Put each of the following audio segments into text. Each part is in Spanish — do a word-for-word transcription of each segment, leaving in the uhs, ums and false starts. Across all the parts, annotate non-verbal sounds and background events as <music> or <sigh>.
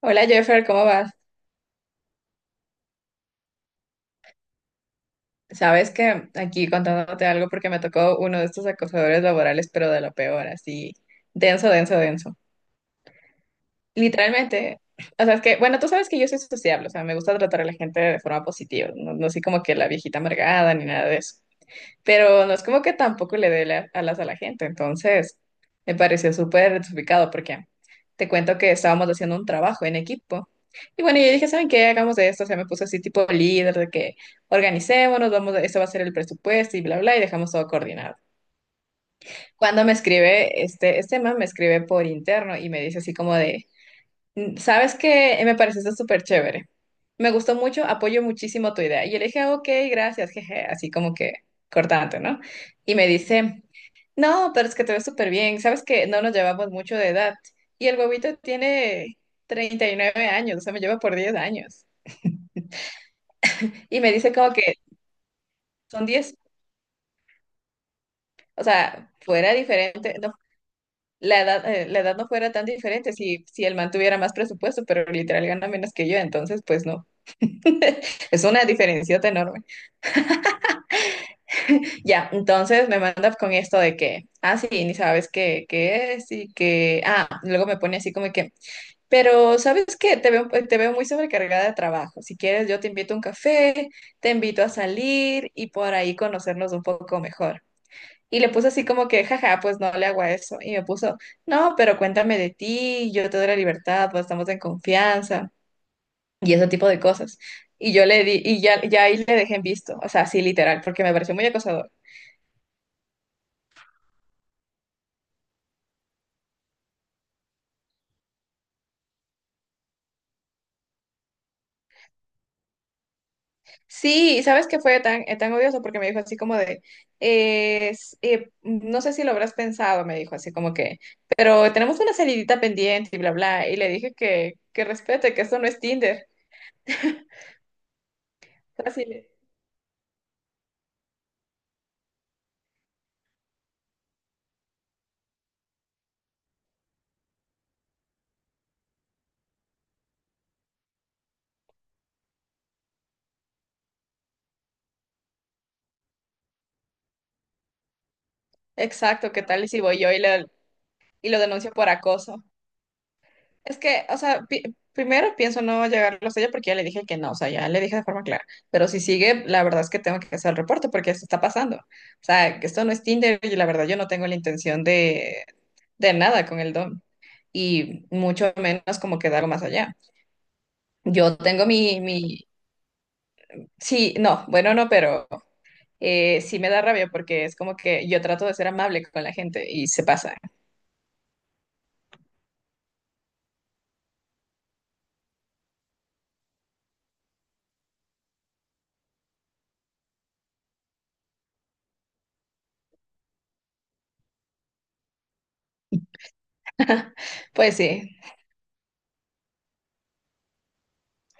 Hola Jeffer, ¿cómo vas? Sabes que aquí contándote algo porque me tocó uno de estos acosadores laborales, pero de lo peor, así, denso, denso, denso. Literalmente, o sea, es que, bueno, tú sabes que yo soy sociable, o sea, me gusta tratar a la gente de forma positiva, no, no soy como que la viejita amargada ni nada de eso. Pero no es como que tampoco le dé la- alas a la gente, entonces me pareció súper desubicado porque te cuento que estábamos haciendo un trabajo en equipo. Y bueno, yo dije, ¿saben qué? Hagamos de esto, o sea, me puse así tipo líder de que organicémonos, vamos, a- este va a ser el presupuesto y bla, bla, y dejamos todo coordinado. Cuando me escribe, este, este man me escribe por interno y me dice así como de, mm, sabes que me parece pareció súper chévere. Me gustó mucho, apoyo muchísimo tu idea. Y yo le dije, ok, gracias, jeje, así como que cortante, ¿no? Y me dice, no, pero es que te ves súper bien. Sabes que no nos llevamos mucho de edad. Y el huevito tiene treinta y nueve años, o sea, me lleva por diez años. Y me dice como que son diez, o sea, fuera diferente, no, la edad, eh, la edad no fuera tan diferente si, si el man tuviera más presupuesto, pero literal gana menos que yo, entonces pues no. <laughs> Es una diferencia enorme. Ya, entonces me manda con esto de que, ah, sí, ni sabes qué, qué es y que, ah, luego me pone así como que, pero ¿sabes qué? Te veo, te veo muy sobrecargada de trabajo. Si quieres, yo te invito a un café, te invito a salir y por ahí conocernos un poco mejor. Y le puse así como que, jaja, pues no le hago a eso. Y me puso, no, pero cuéntame de ti, yo te doy la libertad, pues estamos en confianza y ese tipo de cosas. Y yo le di, y ya, ya ahí le dejé en visto, o sea, sí, literal, porque me pareció muy acosador. Sí, y ¿sabes que fue tan, eh, tan odioso? Porque me dijo así como de, eh, s- eh, no sé si lo habrás pensado, me dijo así como que, pero tenemos una salidita pendiente y bla, bla, y le dije que, que respete, que esto no es Tinder. Así, exacto, ¿qué tal? Y si voy yo y, le- y lo denuncio por acoso. Es que, o sea, pi- primero pienso no llegarlo a ella porque ya le dije que no, o sea, ya le dije de forma clara. Pero si sigue, la verdad es que tengo que hacer el reporte porque esto está pasando. O sea, que esto no es Tinder y la verdad yo no tengo la intención de, de nada con el don y mucho menos como quedar más allá. Yo tengo mi, mi, sí, no, bueno, no, pero eh, sí me da rabia porque es como que yo trato de ser amable con la gente y se pasa. Pues sí.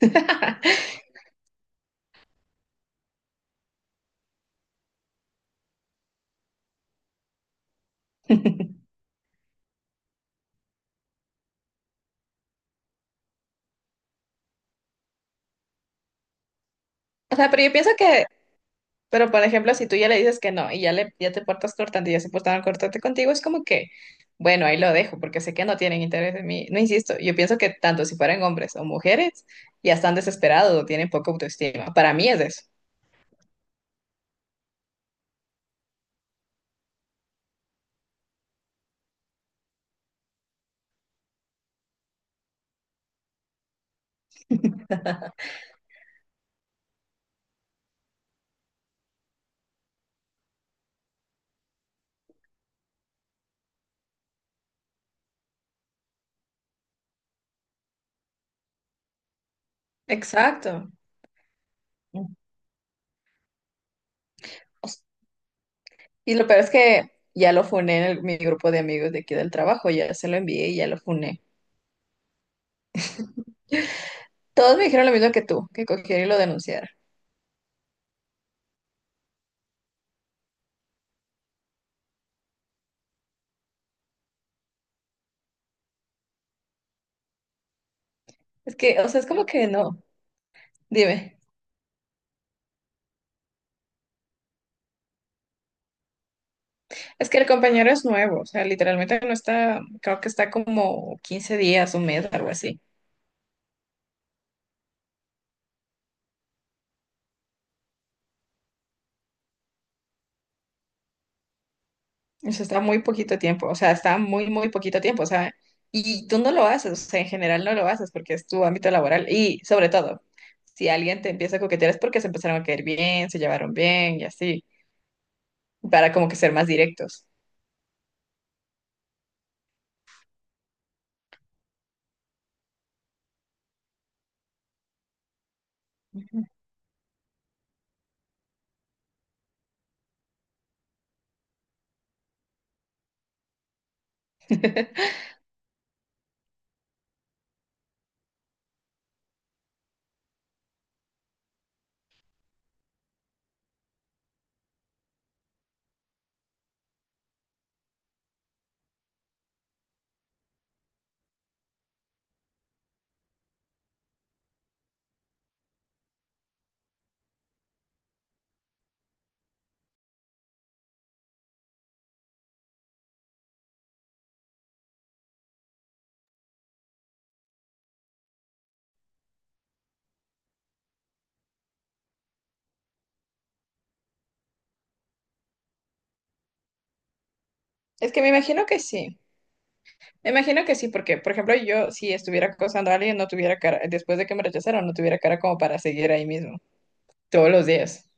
<laughs> O sea, pero yo pienso que, pero, por ejemplo, si tú ya le dices que no y ya, le, ya te portas cortante y ya se portaron cortante contigo, es como que, bueno, ahí lo dejo porque sé que no tienen interés en mí. No insisto, yo pienso que tanto si fueran hombres o mujeres, ya están desesperados o tienen poca autoestima. Para mí es eso. Exacto. Mm. Y lo peor es que ya lo funé en el- mi grupo de amigos de aquí del trabajo, ya se lo envié y ya lo funé. Todos me dijeron lo mismo que tú, que cogiera y lo denunciara. Es que, o sea, es como que no. Dime. Es que el compañero es nuevo, o sea, literalmente no está, creo que está como quince días, un mes, algo así. O sea, está muy poquito tiempo, o sea, está muy, muy poquito tiempo, o sea, y tú no lo haces, o sea, en general no lo haces porque es tu ámbito laboral y sobre todo, si alguien te empieza a coquetear es porque se empezaron a caer bien, se llevaron bien y así, para como que ser más directos. Ujú. <laughs> Es que me imagino que sí. Me imagino que sí, porque, por ejemplo, yo si estuviera acosando a alguien, no tuviera cara, después de que me rechazaron, no tuviera cara como para seguir ahí mismo, todos los días.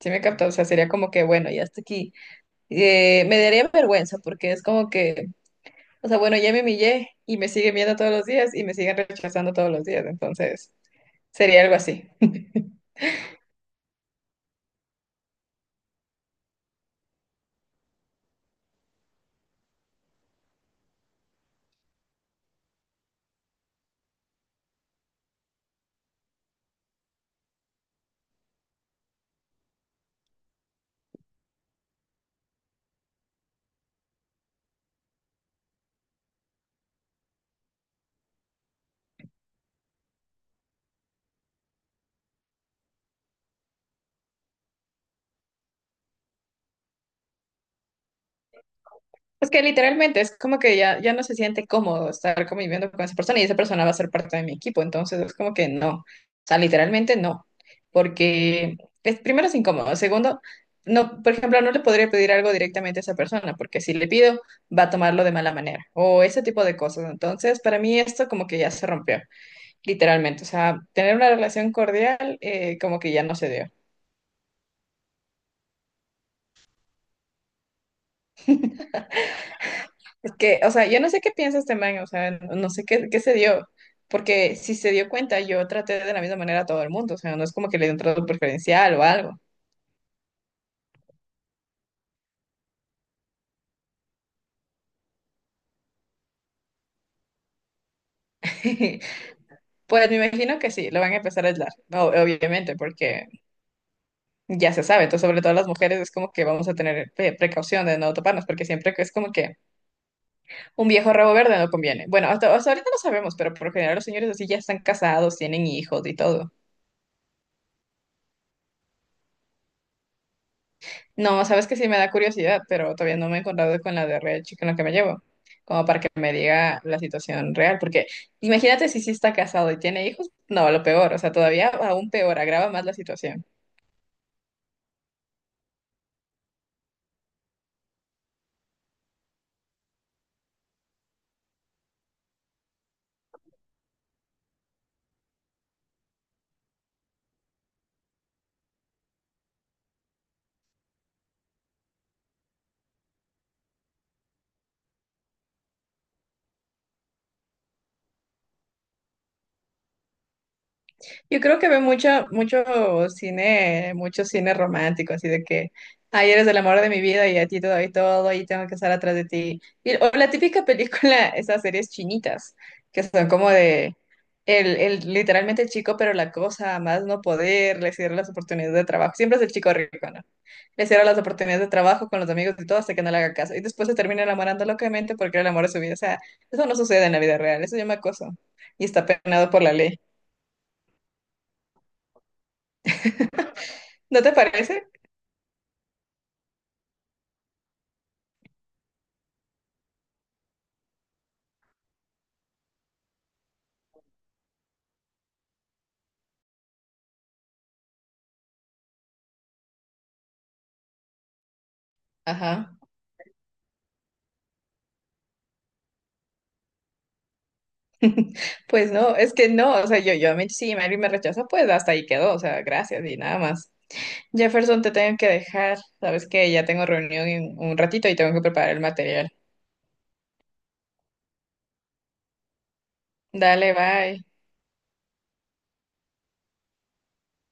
¿Sí me capta? O sea, sería como que, bueno, ya hasta aquí. Eh, me daría vergüenza porque es como que, o sea, bueno, ya me humillé y me siguen viendo todos los días y me siguen rechazando todos los días. Entonces, sería algo así. Es que literalmente es como que ya, ya no se siente cómodo estar conviviendo con esa persona y esa persona va a ser parte de mi equipo. Entonces es como que no. O sea, literalmente no. Porque es, primero es incómodo. Segundo, no, por ejemplo, no le podría pedir algo directamente a esa persona porque si le pido va a tomarlo de mala manera o ese tipo de cosas. Entonces, para mí esto como que ya se rompió, literalmente. O sea, tener una relación cordial, eh, como que ya no se dio. Es que, o sea, yo no sé qué piensa este man, o sea, no no sé qué, qué se dio, porque si se dio cuenta, yo traté de la misma manera a todo el mundo, o sea, no es como que le dio un trato preferencial o algo. <laughs> Pues me imagino que sí, lo van a empezar a aislar, no, obviamente, porque ya se sabe, entonces sobre todo las mujeres es como que vamos a tener pre- precaución de no toparnos, porque siempre que es como que un viejo rabo verde no conviene. Bueno, hasta, hasta ahorita no sabemos, pero por lo general los señores así ya están casados, tienen hijos y todo. No, sabes que sí me da curiosidad, pero todavía no me he encontrado con la de real Chick con la que me llevo, como para que me diga la situación real, porque imagínate si sí está casado y tiene hijos, no, lo peor, o sea, todavía aún peor, agrava más la situación. Yo creo que ve mucho, mucho cine, mucho cine romántico, así de que, ay, eres el amor de mi vida y a ti te doy todo y tengo que estar atrás de ti. Y- o la típica película, <laughs> esas series chinitas, que son como de, el, el, literalmente el chico, pero la cosa, a más no poder, le cierra las oportunidades de trabajo. Siempre es el chico rico, ¿no? Le cierra las oportunidades de trabajo con los amigos y todo hasta que no le haga caso. Y después se termina enamorando locamente porque era el amor de su vida. O sea, eso no sucede en la vida real, eso se llama acoso y está penado por la ley. ¿No te parece? Ajá. <laughs> Pues no, es que no, o sea, yo, yo, a mí- si Mary me rechaza, pues hasta ahí quedó, o sea, gracias y nada más. Jefferson, te tengo que dejar, sabes que ya tengo reunión en un ratito y tengo que preparar el material. Dale, bye.